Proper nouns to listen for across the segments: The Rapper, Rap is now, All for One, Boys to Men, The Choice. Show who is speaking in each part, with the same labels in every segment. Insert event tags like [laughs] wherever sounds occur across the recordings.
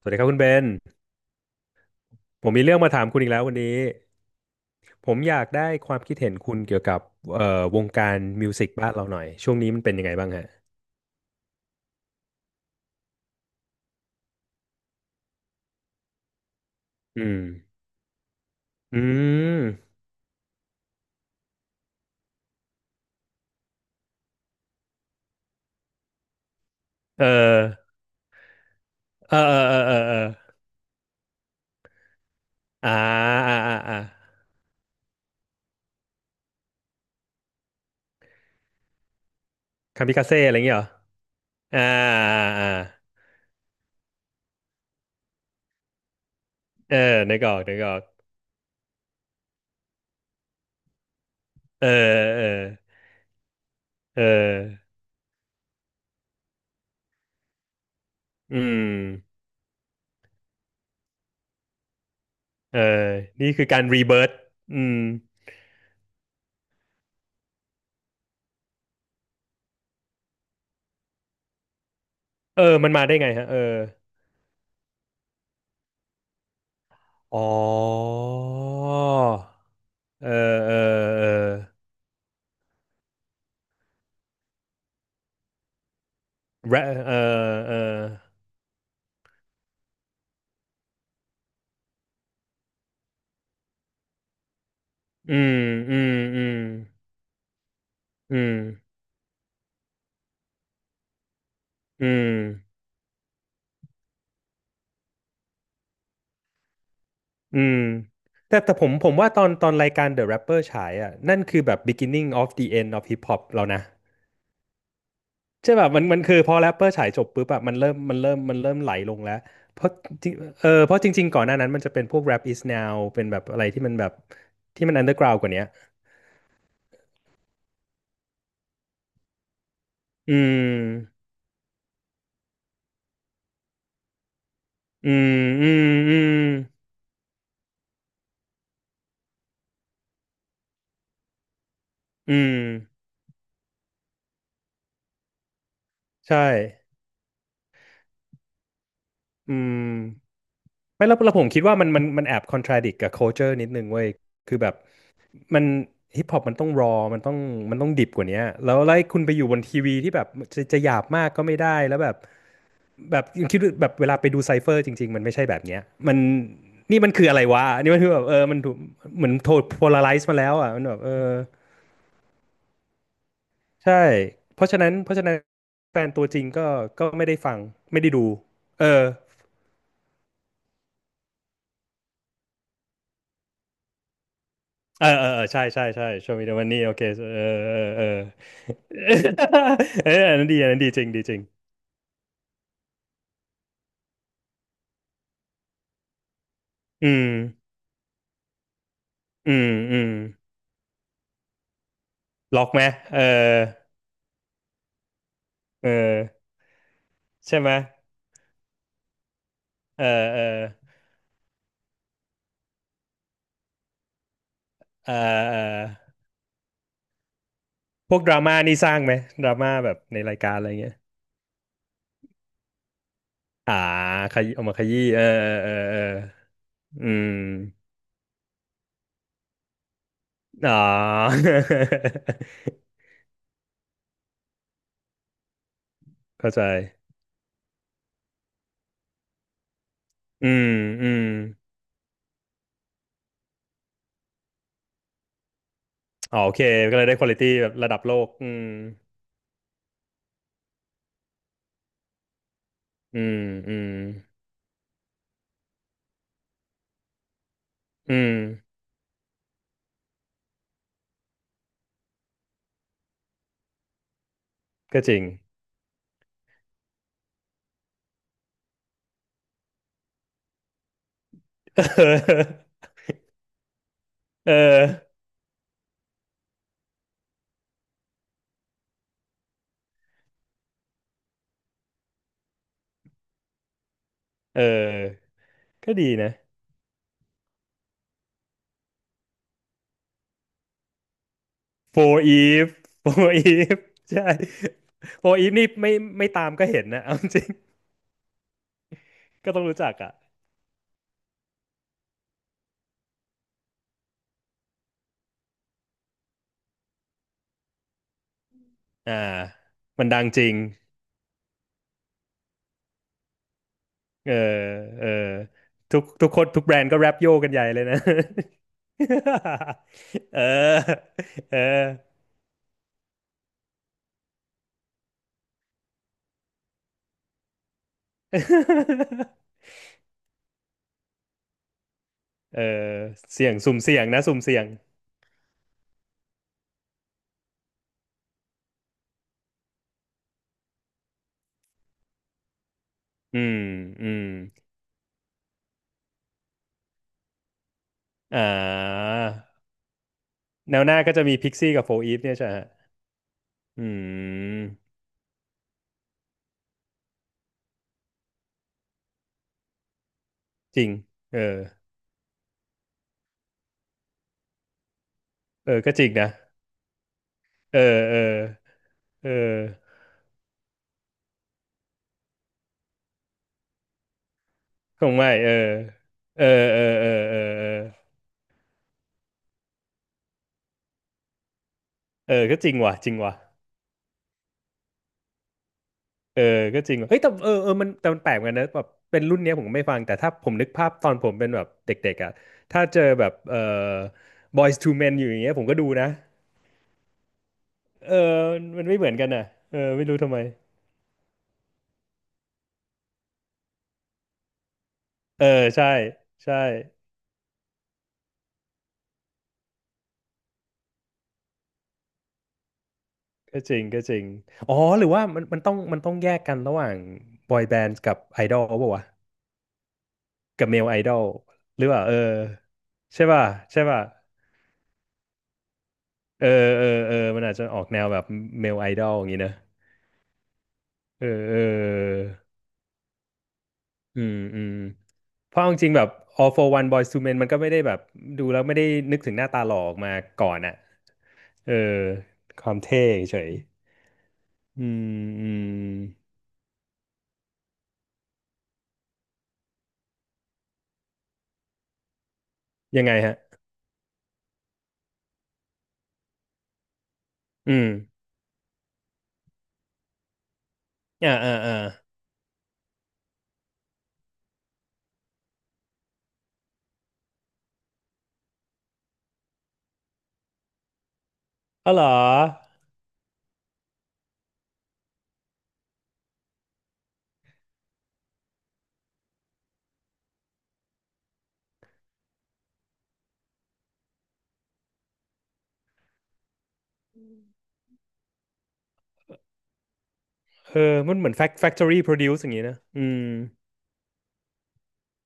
Speaker 1: สวัสดีครับคุณเบนผมมีเรื่องมาถามคุณอีกแล้ววันนี้ผมอยากได้ความคิดเห็นคุณเกี่ยวกับวงการมิวสิกบ้านเราหน่อย ช่วงนี้มันเป็นยังไงบ้างฮะอืมอืมเออเออเออเออเออเอออ่าอ่าอ่าอ่าคามิกาเซ่อะไรอย่างเงี้ยเหรออ่าอ่าเออนึกออกเออเออเอออืมเออนี่คือการรีเบิร์อืมเออมันมาได้ไงฮะเอออ๋อ เออเออเออแรเออเออ อืมอืมอืมอืมอืมอืมแต่ผมว่าตอนรายการ The Rapper ฉายอ่ะนั่นคือแบบ beginning of the end of hip hop แล้วนะใช่แบบมันคือพอ Rapper ฉายจบปุ๊บอะมันเริ่มไหลลงแล้วเพราะจริงเออเพราะจริงๆก่อนหน้านั้นมันจะเป็นพวก Rap is now เป็นแบบอะไรที่มันแบบที่มัน underground กว่าเนี้ยอืมอืมอืมอืมอืมใช่อืม ไม่แล้วแล้วผมคิดว่ามันแอบ contradict กับ culture นิดนึงเว้ยคือแบบมันฮิปฮอปมันต้องรอมันต้องมันต้องดิบกว่านี้แล้วไล่คุณไปอยู่บนทีวีที่แบบจะจะหยาบมากก็ไม่ได้แล้วแบบแบบคิดแบบเวลาไปดูไซเฟอร์จริงๆมันไม่ใช่แบบเนี้ยมันนี่มันคืออะไรวะนี่มันคือแบบเออมันเหมือนโทรโพลาไรซ์มาแล้วอ่ะมันแบบเออใช่เพราะฉะนั้นเพราะฉะนั้นแฟนตัวจริงก็ก็ไม่ได้ฟังไม่ได้ดูเออ เออเออเออใช่ใช่ใช่โชว์มีเดวันนี้โอเคเออเออเออเออ [laughs] อันนั้นดีอันนั้นดีจริงดีจริงอืมอืมอืมล็อกไหมเออเออใช่ไหมเออเออเออเออพวกดราม่านี่สร้างไหมดราม่าแบบในรายการอะไรเงี้ยอ่าขยี้เอามาขยี้เออเออเออเอออืมอ๋อ [laughs] เข้าใจอืมอืมอ๋อโอเคก็เลยได้ควอลิตี้แบบระดับโลกอืม อืมอืมอืมก็จริง [laughs] เออเออเออก็ดีนะ for Eve [laughs] for Eve ใช่ for Eve นี่ไม่ไม่ตามก็เห็นนะ [laughs] เอาจริงก็ต้องรู้จักอ่ะอ่ามันดังจริงเออเออทุกคนทุกแบรนด์ก็แรปโยกันใหญ่เลยนะ [laughs] เออเออเออเสี่ยงสุ่มเสี่ยงนะสุ่มเสี่ยงอืมอืมอ่า แนวหน้าก็จะมีพิกซี่กับโฟอีฟเนี่ยใช่ฮะอืมจริงเออเออก็จริงนะเออเออเออคงไม่เออเออเออเออเออเออเออก็จริงว่ะจริงว่ะเออก็จริงว่ะเฮ้ยแต่เออเออมันแต่มันแปลกเหมือนกันนะแบบเป็นรุ่นเนี้ยผมก็ไม่ฟังแต่ถ้าผมนึกภาพตอนผมเป็นแบบเด็กๆอ่ะถ้าเจอแบบเออ Boys to Men อยู่อย่างเงี้ยผมก็ดูนะเออมันไม่เหมือนกันอ่ะเออไม่รู้ทำไมเออใช่ใช่ ก็จริงก็จริงอ๋อ หรือว่ามันต้องแยกกันระหว่างบอยแบนด์กับไอดอลป่าววะกับเมลไอดอลหรือว่าเออใช่ป่ะใช่ป่ะเออเออเออมันอาจจะออกแนวแบบเมลไอดอลอย่างนี้นะเออเอออืมอืมเพราะเอาจริงๆแบบ All for One Boyz To Men มันก็ไม่ได้แบบดูแล้วไม่ได้นึกถึงหน้าตาหล่อออกมาก่อนอะเออความเท่เฉยอืมอืมยังไงฮะอืมอ่าอ่าอ่าอ๋อเหรอ เออมันเหมือน factory produce อย่างงี้นะอืม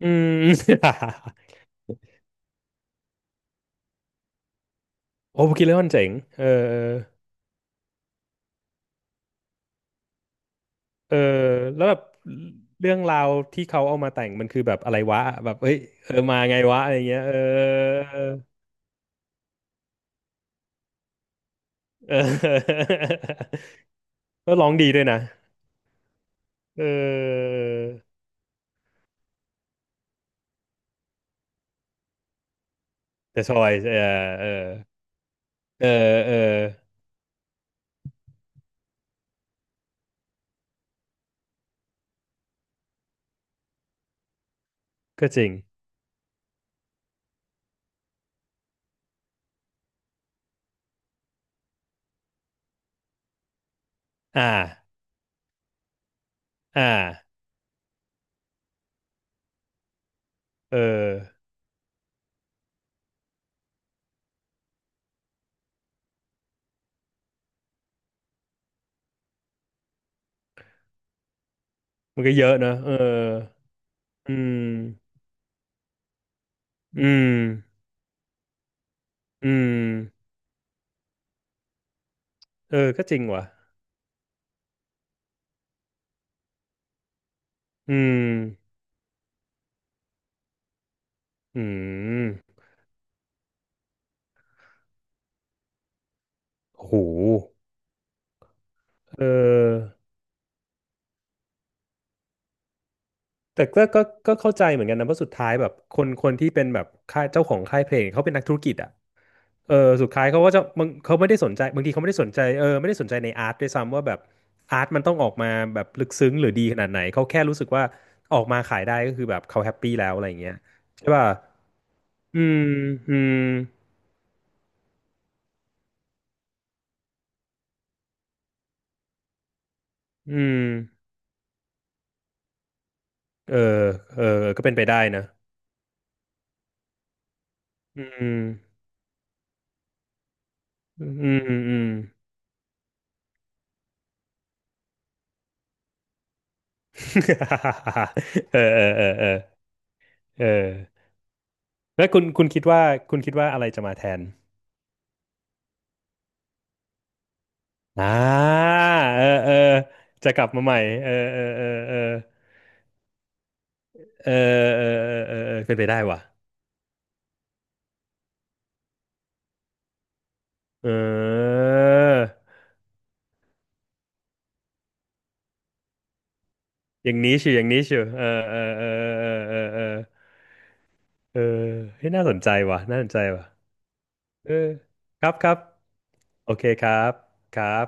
Speaker 1: อืม [laughs] โอ้โบกิเลอนเจ๋งเออเออเออแล้วแบบเรื่องราวที่เขาเอามาแต่งมันคือแบบอะไรวะแบบเฮ้ยเออมาไงวะอะไรเงี้ยเออเออ [laughs] ก็ร้องดีด้วยนะเออ The Choice เออเออเออเออก็จริงอ่าอ่าเออมันก็เยอะเนอะเอออืมอืมอืม เออก็จริงว่ะอืมอืมโอ้โหเออแต่ก็ก็ก็เข้าใจเหมือนกันนะเพราะสุดท้ายแบบคนที่เป็นแบบค่ายเจ้าของค่ายเพลงเขาเป็นนักธุรกิจอ่ะเออสุดท้ายเขาก็จะบางเขาไม่ได้สนใจบางทีเขาไม่ได้สนใจเออไม่ได้สนใจในอาร์ตด้วยซ้ำว่าแบบอาร์ตมันต้องออกมาแบบลึกซึ้งหรือดีขนาดไหนเขาแค่รู้สึกว่าออกมาขายได้ก็คือแบบเขาแฮปปี้แล้วอะไรอย่างเงี้ยใช่ป่ะอืมอืมอืมเออเออก็เป็นไปได้นะอืมอืมอืม [laughs] เออเออเออเออเออแล้วคุณคิดว่าคุณคิดว่าอะไรจะมาแทนอ่าเออเออจะกลับมาใหม่เออเออเออเออเออเออเออเออเออเป็นไปได้ว่ะเอออย่างนี้ชิวอย่างนี้ชิวเออเออเออเออเออเออเออเฮ้ยน่าสนใจว่ะน่าสนใจว่ะเออครับครับโอเคครับครับ